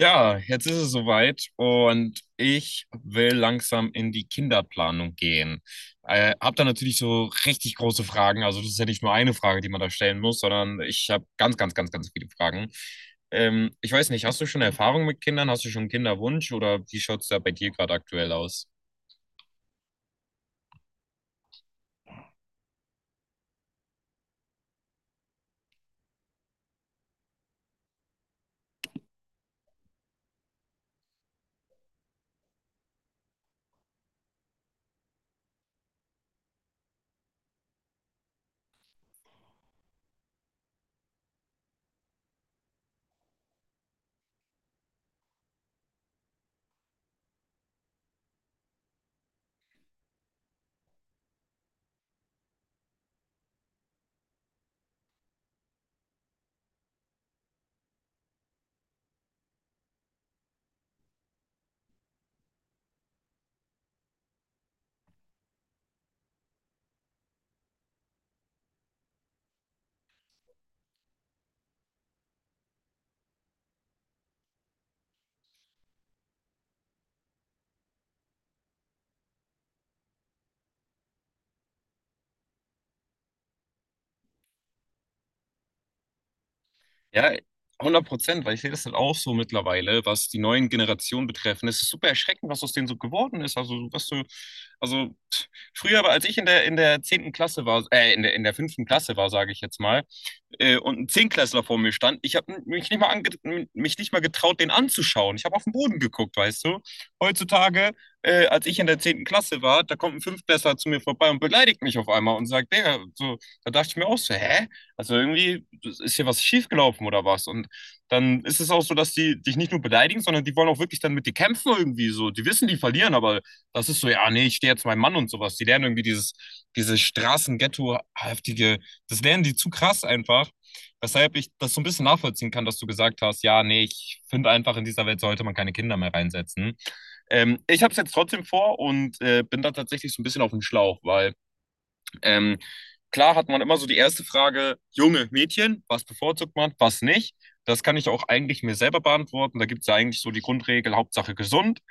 Ja, jetzt ist es soweit und ich will langsam in die Kinderplanung gehen. Hab da natürlich so richtig große Fragen. Also das ist ja nicht nur eine Frage, die man da stellen muss, sondern ich habe ganz, ganz, ganz, ganz viele Fragen. Ich weiß nicht, hast du schon Erfahrung mit Kindern? Hast du schon einen Kinderwunsch oder wie schaut es da bei dir gerade aktuell aus? Ja, 100%, weil ich sehe das halt auch so mittlerweile, was die neuen Generationen betreffen. Es ist super erschreckend, was aus denen so geworden ist. Also, was du, also früher, aber als ich in der zehnten Klasse war, in der fünften Klasse war, sage ich jetzt mal, und ein Zehnklässler vor mir stand. Ich habe mich nicht mal getraut, den anzuschauen. Ich habe auf den Boden geguckt, weißt du. Heutzutage, als ich in der zehnten Klasse war, da kommt ein Fünftklässler zu mir vorbei und beleidigt mich auf einmal und sagt, Digga, so, da dachte ich mir auch so, hä? Also irgendwie ist hier was schiefgelaufen oder was? Und dann ist es auch so, dass die dich nicht nur beleidigen, sondern die wollen auch wirklich dann mit dir kämpfen irgendwie so. Die wissen, die verlieren, aber das ist so, ja, nee, ich stehe jetzt mein Mann und sowas. Die lernen irgendwie diese Straßenghetto-haftige, das lernen die zu krass einfach, weshalb ich das so ein bisschen nachvollziehen kann, dass du gesagt hast, ja, nee, ich finde einfach, in dieser Welt sollte man keine Kinder mehr reinsetzen. Ich habe es jetzt trotzdem vor und bin da tatsächlich so ein bisschen auf dem Schlauch, weil ähm, klar hat man immer so die erste Frage, junge Mädchen, was bevorzugt man, was nicht. Das kann ich auch eigentlich mir selber beantworten. Da gibt es ja eigentlich so die Grundregel, Hauptsache gesund.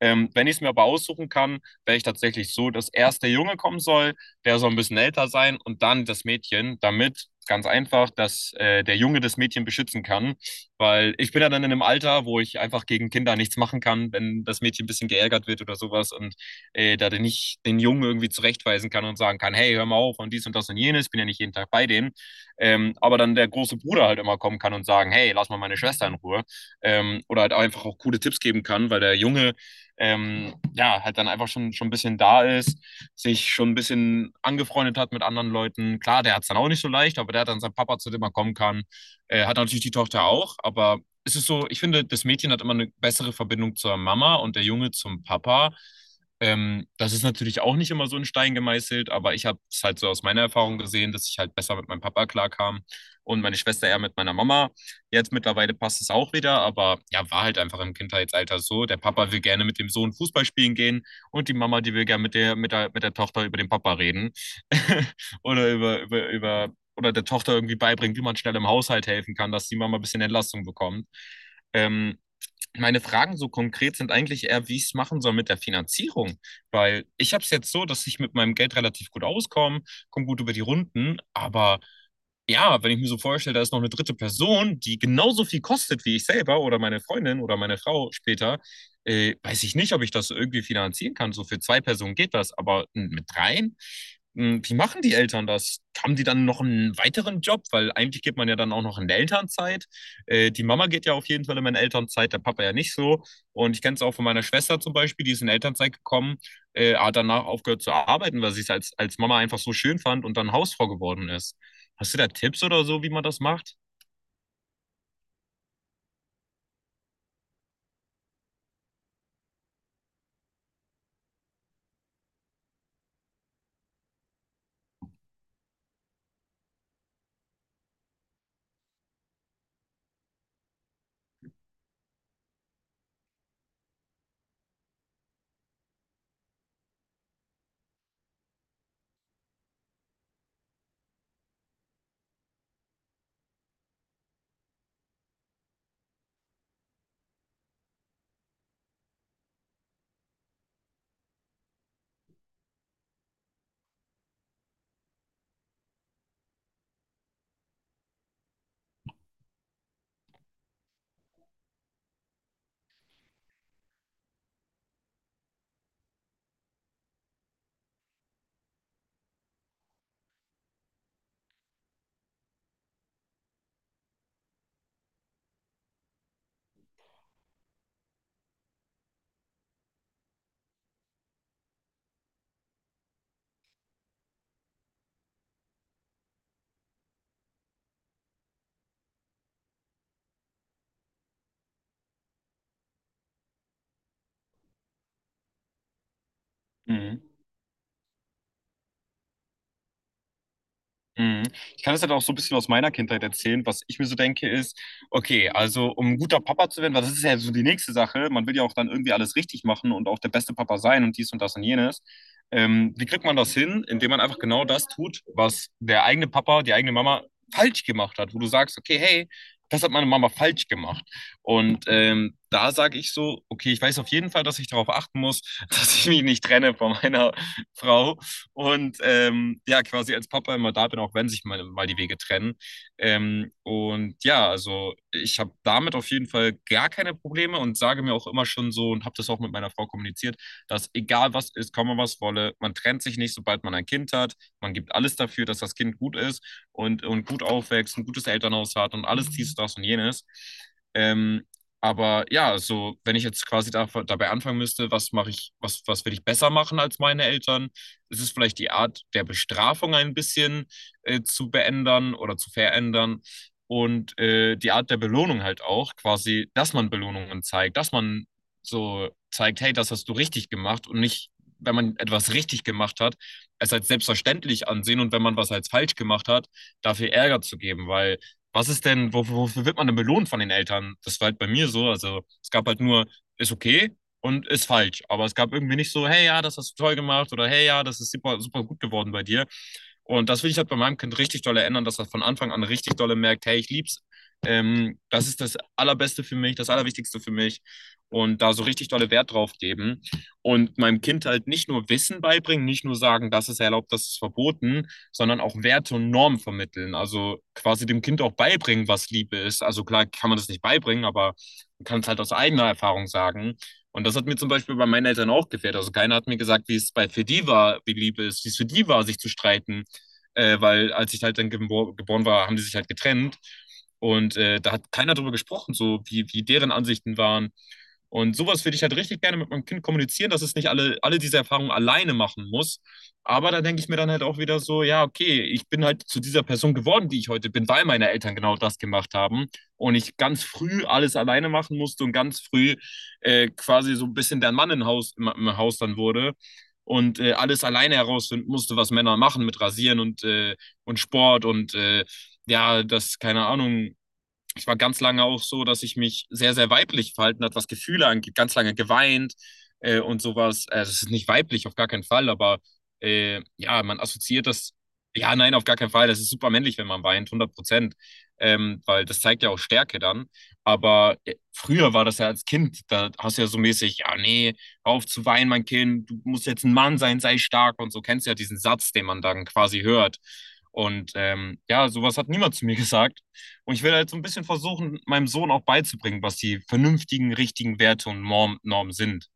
Wenn ich es mir aber aussuchen kann, wäre ich tatsächlich so, dass erst der Junge kommen soll, der soll ein bisschen älter sein und dann das Mädchen, damit ganz einfach, dass der Junge das Mädchen beschützen kann. Weil ich bin ja dann in einem Alter, wo ich einfach gegen Kinder nichts machen kann, wenn das Mädchen ein bisschen geärgert wird oder sowas. Und da den nicht den Jungen irgendwie zurechtweisen kann und sagen kann, hey, hör mal auf und dies und das und jenes, ich bin ja nicht jeden Tag bei dem. Aber dann der große Bruder halt immer kommen kann und sagen, hey, lass mal meine Schwester in Ruhe. Oder halt einfach auch coole Tipps geben kann, weil der Junge ja halt dann einfach schon ein bisschen da ist, sich schon ein bisschen angefreundet hat mit anderen Leuten. Klar, der hat es dann auch nicht so leicht, aber der hat dann seinen Papa, zu dem er kommen kann. Hat natürlich die Tochter auch, aber es ist so, ich finde, das Mädchen hat immer eine bessere Verbindung zur Mama und der Junge zum Papa. Das ist natürlich auch nicht immer so in Stein gemeißelt, aber ich habe es halt so aus meiner Erfahrung gesehen, dass ich halt besser mit meinem Papa klarkam und meine Schwester eher mit meiner Mama. Jetzt mittlerweile passt es auch wieder, aber ja, war halt einfach im Kindheitsalter so. Der Papa will gerne mit dem Sohn Fußball spielen gehen und die Mama, die will gerne mit der Tochter über den Papa reden oder über, über, über, oder der Tochter irgendwie beibringen, wie man schnell im Haushalt helfen kann, dass die Mama ein bisschen Entlastung bekommt. Ähm, meine Fragen so konkret sind eigentlich eher, wie ich es machen soll mit der Finanzierung. Weil ich habe es jetzt so, dass ich mit meinem Geld relativ gut auskomme, komme gut über die Runden, aber ja, wenn ich mir so vorstelle, da ist noch eine dritte Person, die genauso viel kostet wie ich selber oder meine Freundin oder meine Frau später, weiß ich nicht, ob ich das irgendwie finanzieren kann. So für zwei Personen geht das, aber mit dreien? Wie machen die Eltern das? Haben die dann noch einen weiteren Job? Weil eigentlich geht man ja dann auch noch in Elternzeit. Die Mama geht ja auf jeden Fall immer in Elternzeit, der Papa ja nicht so. Und ich kenne es auch von meiner Schwester zum Beispiel, die ist in Elternzeit gekommen, hat danach aufgehört zu arbeiten, weil sie es als Mama einfach so schön fand und dann Hausfrau geworden ist. Hast du da Tipps oder so, wie man das macht? Mhm. Mhm. Ich kann das halt auch so ein bisschen aus meiner Kindheit erzählen. Was ich mir so denke, ist, okay, also um ein guter Papa zu werden, weil das ist ja so die nächste Sache. Man will ja auch dann irgendwie alles richtig machen und auch der beste Papa sein und dies und das und jenes. Wie kriegt man das hin? Indem man einfach genau das tut, was der eigene Papa, die eigene Mama falsch gemacht hat, wo du sagst, okay, hey, das hat meine Mama falsch gemacht. Und da sage ich so, okay, ich weiß auf jeden Fall, dass ich darauf achten muss, dass ich mich nicht trenne von meiner Frau und ja, quasi als Papa immer da bin, auch wenn sich mal die Wege trennen. Und ja, also ich habe damit auf jeden Fall gar keine Probleme und sage mir auch immer schon so und habe das auch mit meiner Frau kommuniziert, dass egal was ist, komme was wolle, man trennt sich nicht, sobald man ein Kind hat. Man gibt alles dafür, dass das Kind gut ist und gut aufwächst, ein gutes Elternhaus hat und alles dies, das und jenes. Ähm, aber ja, so wenn ich jetzt quasi dabei anfangen müsste, was mache ich, was will ich besser machen als meine Eltern? Ist es vielleicht die Art der Bestrafung ein bisschen zu beändern oder zu verändern? Und die Art der Belohnung halt auch, quasi, dass man Belohnungen zeigt, dass man so zeigt, hey, das hast du richtig gemacht und nicht, wenn man etwas richtig gemacht hat, es als selbstverständlich ansehen und wenn man was als falsch gemacht hat, dafür Ärger zu geben, weil was ist denn, wofür wird man denn belohnt von den Eltern? Das war halt bei mir so, also es gab halt nur, ist okay, und ist falsch. Aber es gab irgendwie nicht so, hey ja, das hast du toll gemacht oder hey ja, das ist super, super gut geworden bei dir. Und das will ich halt bei meinem Kind richtig doll ändern, dass er von Anfang an richtig dolle merkt, hey, ich lieb's. Das ist das Allerbeste für mich, das Allerwichtigste für mich. Und da so richtig dolle Wert drauf geben. Und meinem Kind halt nicht nur Wissen beibringen, nicht nur sagen, das ist erlaubt, das ist verboten, sondern auch Werte und Normen vermitteln. Also quasi dem Kind auch beibringen, was Liebe ist. Also klar kann man das nicht beibringen, aber man kann es halt aus eigener Erfahrung sagen. Und das hat mir zum Beispiel bei meinen Eltern auch gefehlt. Also keiner hat mir gesagt, wie es bei für die war, wie Liebe ist, wie es für die war, sich zu streiten, weil als ich halt dann geboren war, haben die sich halt getrennt. Und da hat keiner drüber gesprochen, so wie, wie deren Ansichten waren. Und sowas würde ich halt richtig gerne mit meinem Kind kommunizieren, dass es nicht alle diese Erfahrungen alleine machen muss. Aber da denke ich mir dann halt auch wieder so, ja, okay, ich bin halt zu dieser Person geworden, die ich heute bin, weil meine Eltern genau das gemacht haben und ich ganz früh alles alleine machen musste und ganz früh quasi so ein bisschen der Mann im Haus, im Haus dann wurde und alles alleine herausfinden musste, was Männer machen mit Rasieren und Sport und ja, das keine Ahnung, ich war ganz lange auch so, dass ich mich sehr, sehr weiblich verhalten hat, was Gefühle angeht, ganz lange geweint und sowas. Also es ist nicht weiblich, auf gar keinen Fall, aber ja, man assoziiert das, ja, nein, auf gar keinen Fall, das ist super männlich, wenn man weint, 100%, weil das zeigt ja auch Stärke dann. Aber früher war das ja als Kind, da hast du ja so mäßig, ja, nee, hör auf zu weinen, mein Kind, du musst jetzt ein Mann sein, sei stark und so, kennst du ja diesen Satz, den man dann quasi hört. Und ja, sowas hat niemand zu mir gesagt. Und ich will halt so ein bisschen versuchen, meinem Sohn auch beizubringen, was die vernünftigen, richtigen Werte und Normen sind.